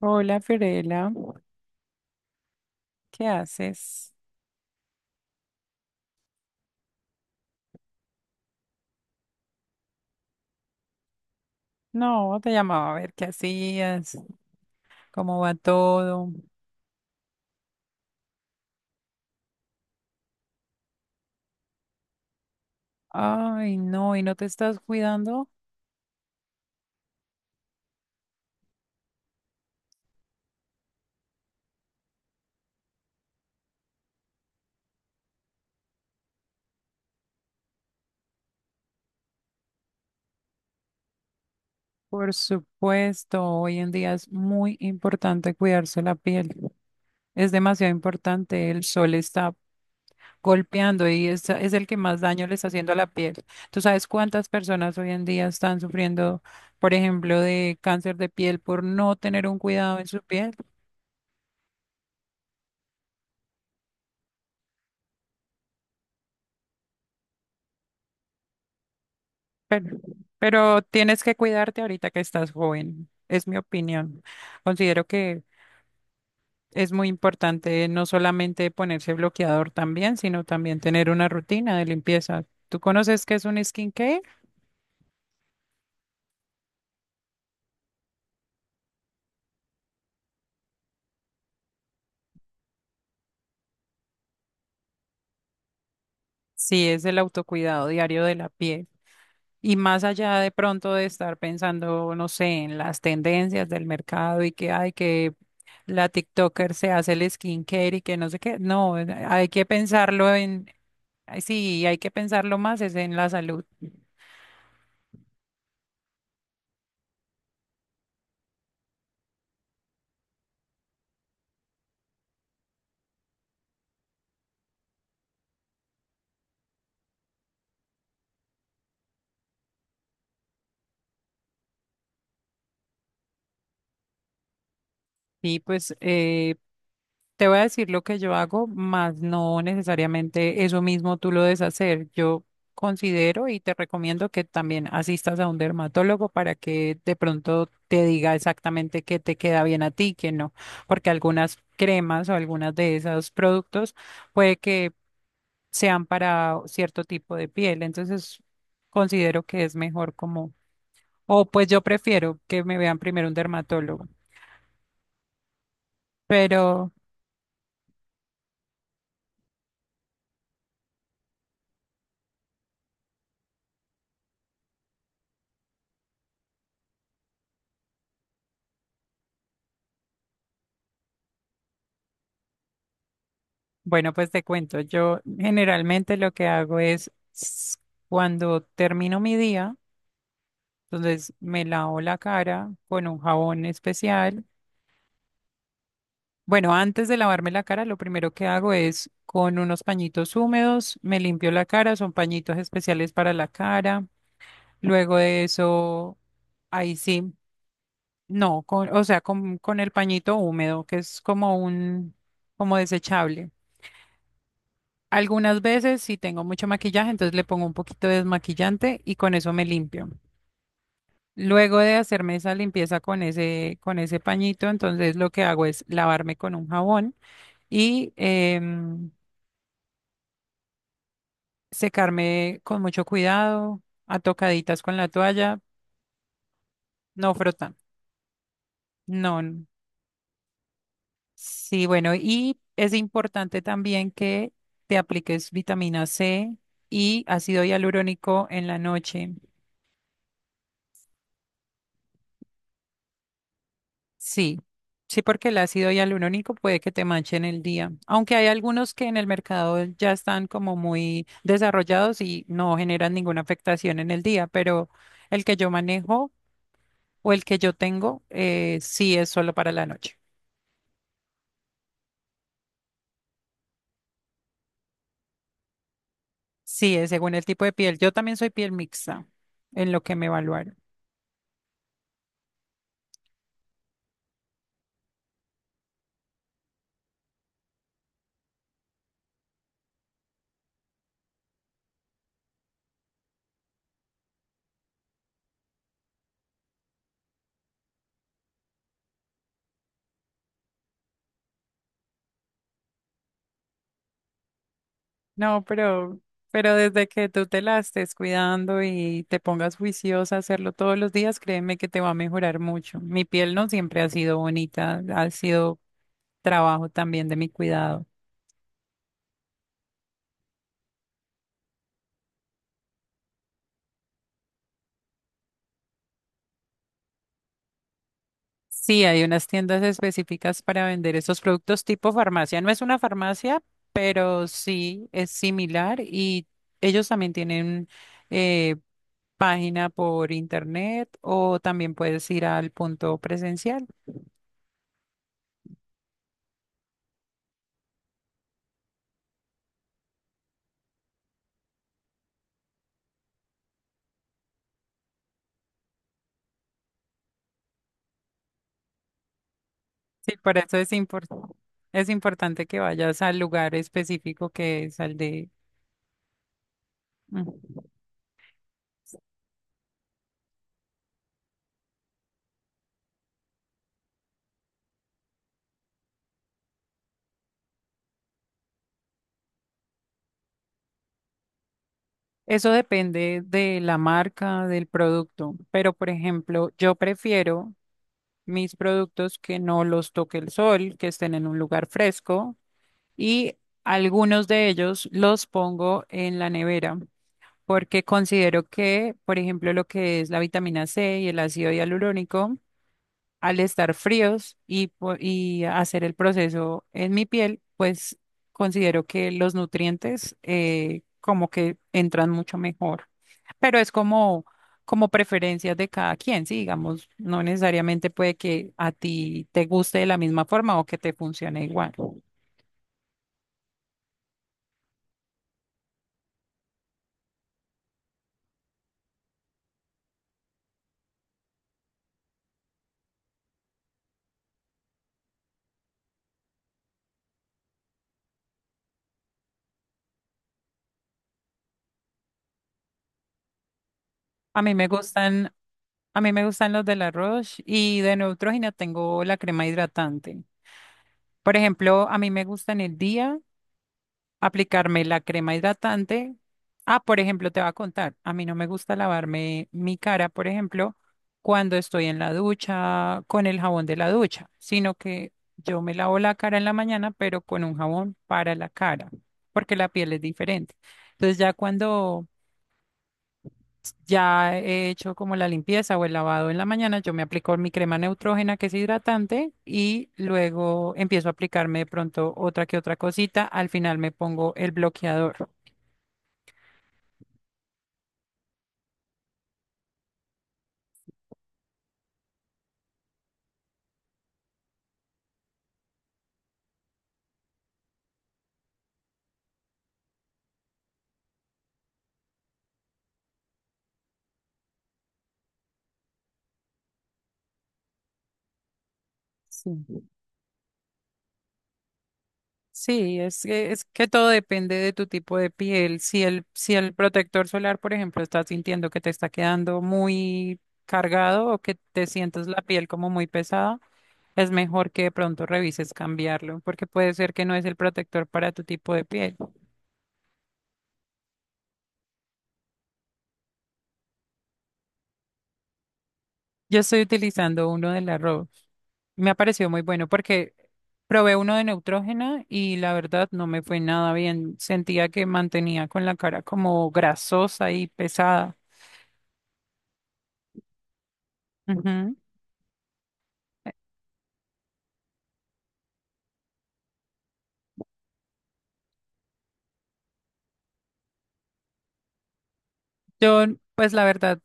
Hola Fiorella, ¿qué haces? No, te llamaba a ver qué hacías, cómo va todo. Ay, no, ¿y no te estás cuidando? Por supuesto, hoy en día es muy importante cuidarse la piel. Es demasiado importante, el sol está golpeando y es el que más daño le está haciendo a la piel. ¿Tú sabes cuántas personas hoy en día están sufriendo, por ejemplo, de cáncer de piel por no tener un cuidado en su piel? Pero, pero tienes que cuidarte ahorita que estás joven, es mi opinión. Considero que es muy importante no solamente ponerse bloqueador también, sino también tener una rutina de limpieza. ¿Tú conoces qué es un skincare? Sí, es el autocuidado diario de la piel. Y más allá de pronto de estar pensando, no sé, en las tendencias del mercado y que hay que la TikToker se hace el skincare y que no sé qué. No, hay que pensarlo. Ay, sí, hay que pensarlo más, es en la salud. Sí, pues te voy a decir lo que yo hago, más no necesariamente eso mismo tú lo debes hacer. Yo considero y te recomiendo que también asistas a un dermatólogo para que de pronto te diga exactamente qué te queda bien a ti, qué no, porque algunas cremas o algunas de esos productos puede que sean para cierto tipo de piel. Entonces, considero que es mejor como, o pues yo prefiero que me vean primero un dermatólogo. Pero bueno, pues te cuento, yo generalmente lo que hago es cuando termino mi día, entonces me lavo la cara con un jabón especial. Bueno, antes de lavarme la cara, lo primero que hago es con unos pañitos húmedos, me limpio la cara, son pañitos especiales para la cara. Luego de eso, ahí sí. No, con, o sea, con el pañito húmedo, que es como un, como desechable. Algunas veces, si tengo mucho maquillaje, entonces le pongo un poquito de desmaquillante y con eso me limpio. Luego de hacerme esa limpieza con ese pañito, entonces lo que hago es lavarme con un jabón y em, secarme con mucho cuidado, a tocaditas con la toalla, no frotando. No, sí, bueno, y es importante también que te apliques vitamina C y ácido hialurónico en la noche. Sí, sí, porque el ácido hialurónico puede que te manche en el día, aunque hay algunos que en el mercado ya están como muy desarrollados y no generan ninguna afectación en el día, pero el que yo manejo o el que yo tengo, sí es solo para la noche. Sí, es según el tipo de piel. Yo también soy piel mixta en lo que me evaluaron. No, pero desde que tú te la estés cuidando y te pongas juiciosa a hacerlo todos los días, créeme que te va a mejorar mucho. Mi piel no siempre ha sido bonita, ha sido trabajo también de mi cuidado. Sí, hay unas tiendas específicas para vender esos productos tipo farmacia. No es una farmacia, pero sí es similar y ellos también tienen eh, página por internet o también puedes ir al punto presencial. Sí, por eso es es importante que vayas al lugar específico que es al de... Ujú. Eso depende de la marca, del producto, pero por ejemplo, yo prefiero mis productos que no los toque el sol, que estén en un lugar fresco y algunos de ellos los pongo en la nevera porque considero que, por ejemplo, lo que es la vitamina C y el ácido hialurónico, al estar fríos y, y hacer el proceso en mi piel, pues considero que los nutrientes como que entran mucho mejor. Pero es como, como preferencias de cada quien, sí, digamos, no necesariamente puede que a ti te guste de la misma forma o que te funcione igual. A mí me gustan, a mí me gustan los de La Roche y de Neutrogena tengo la crema hidratante. Por ejemplo, a mí me gusta en el día aplicarme la crema hidratante. Ah, por ejemplo, te va a contar, a mí no me gusta lavarme mi cara, por ejemplo, cuando estoy en la ducha con el jabón de la ducha, sino que yo me lavo la cara en la mañana, pero con un jabón para la cara, porque la piel es diferente. Entonces ya cuando ya he hecho como la limpieza o el lavado en la mañana, yo me aplico mi crema neutrógena que es hidratante y luego empiezo a aplicarme de pronto otra que otra cosita. Al final me pongo el bloqueador. Sí, sí, es que todo depende de tu tipo de piel. Si el protector solar, por ejemplo, estás sintiendo que te está quedando muy cargado o que te sientes la piel como muy pesada, es mejor que de pronto revises cambiarlo, porque puede ser que no es el protector para tu tipo de piel. Yo estoy utilizando uno de la Rose. Me ha parecido muy bueno porque probé uno de Neutrógena y la verdad no me fue nada bien. Sentía que mantenía con la cara como grasosa y pesada. Ujú. Yo, pues la verdad,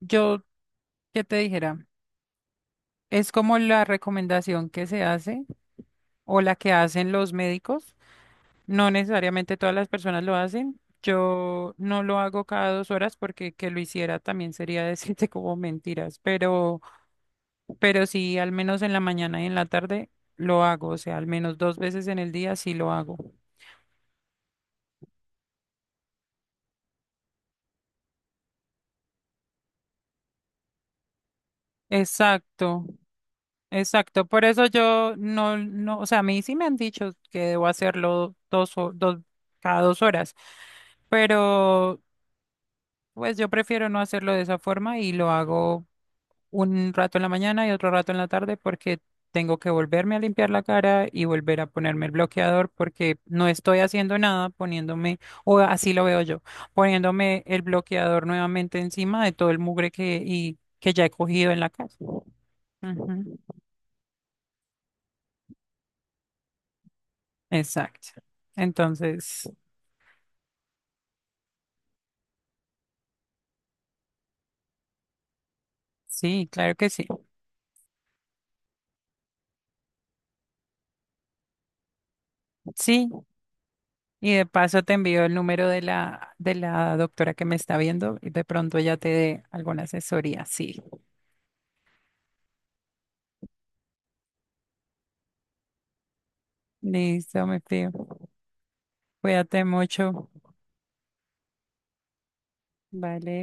yo, ¿qué te dijera? Es como la recomendación que se hace o la que hacen los médicos. No necesariamente todas las personas lo hacen. Yo no lo hago cada 2 horas porque que lo hiciera también sería decirte como mentiras, pero sí, al menos en la mañana y en la tarde lo hago, o sea, al menos 2 veces en el día sí lo hago. Exacto. Exacto, por eso yo no, no, o sea, a mí sí me han dicho que debo hacerlo dos, cada 2 horas, pero pues yo prefiero no hacerlo de esa forma y lo hago un rato en la mañana y otro rato en la tarde porque tengo que volverme a limpiar la cara y volver a ponerme el bloqueador porque no estoy haciendo nada poniéndome, o así lo veo yo, poniéndome el bloqueador nuevamente encima de todo el mugre que, y, que ya he cogido en la casa. Ujú. Exacto. Entonces, sí, claro que sí. Sí, y de paso te envío el número de la doctora que me está viendo y de pronto ya te dé alguna asesoría. Sí. Listo, me pido. Cuídate mucho. Vale.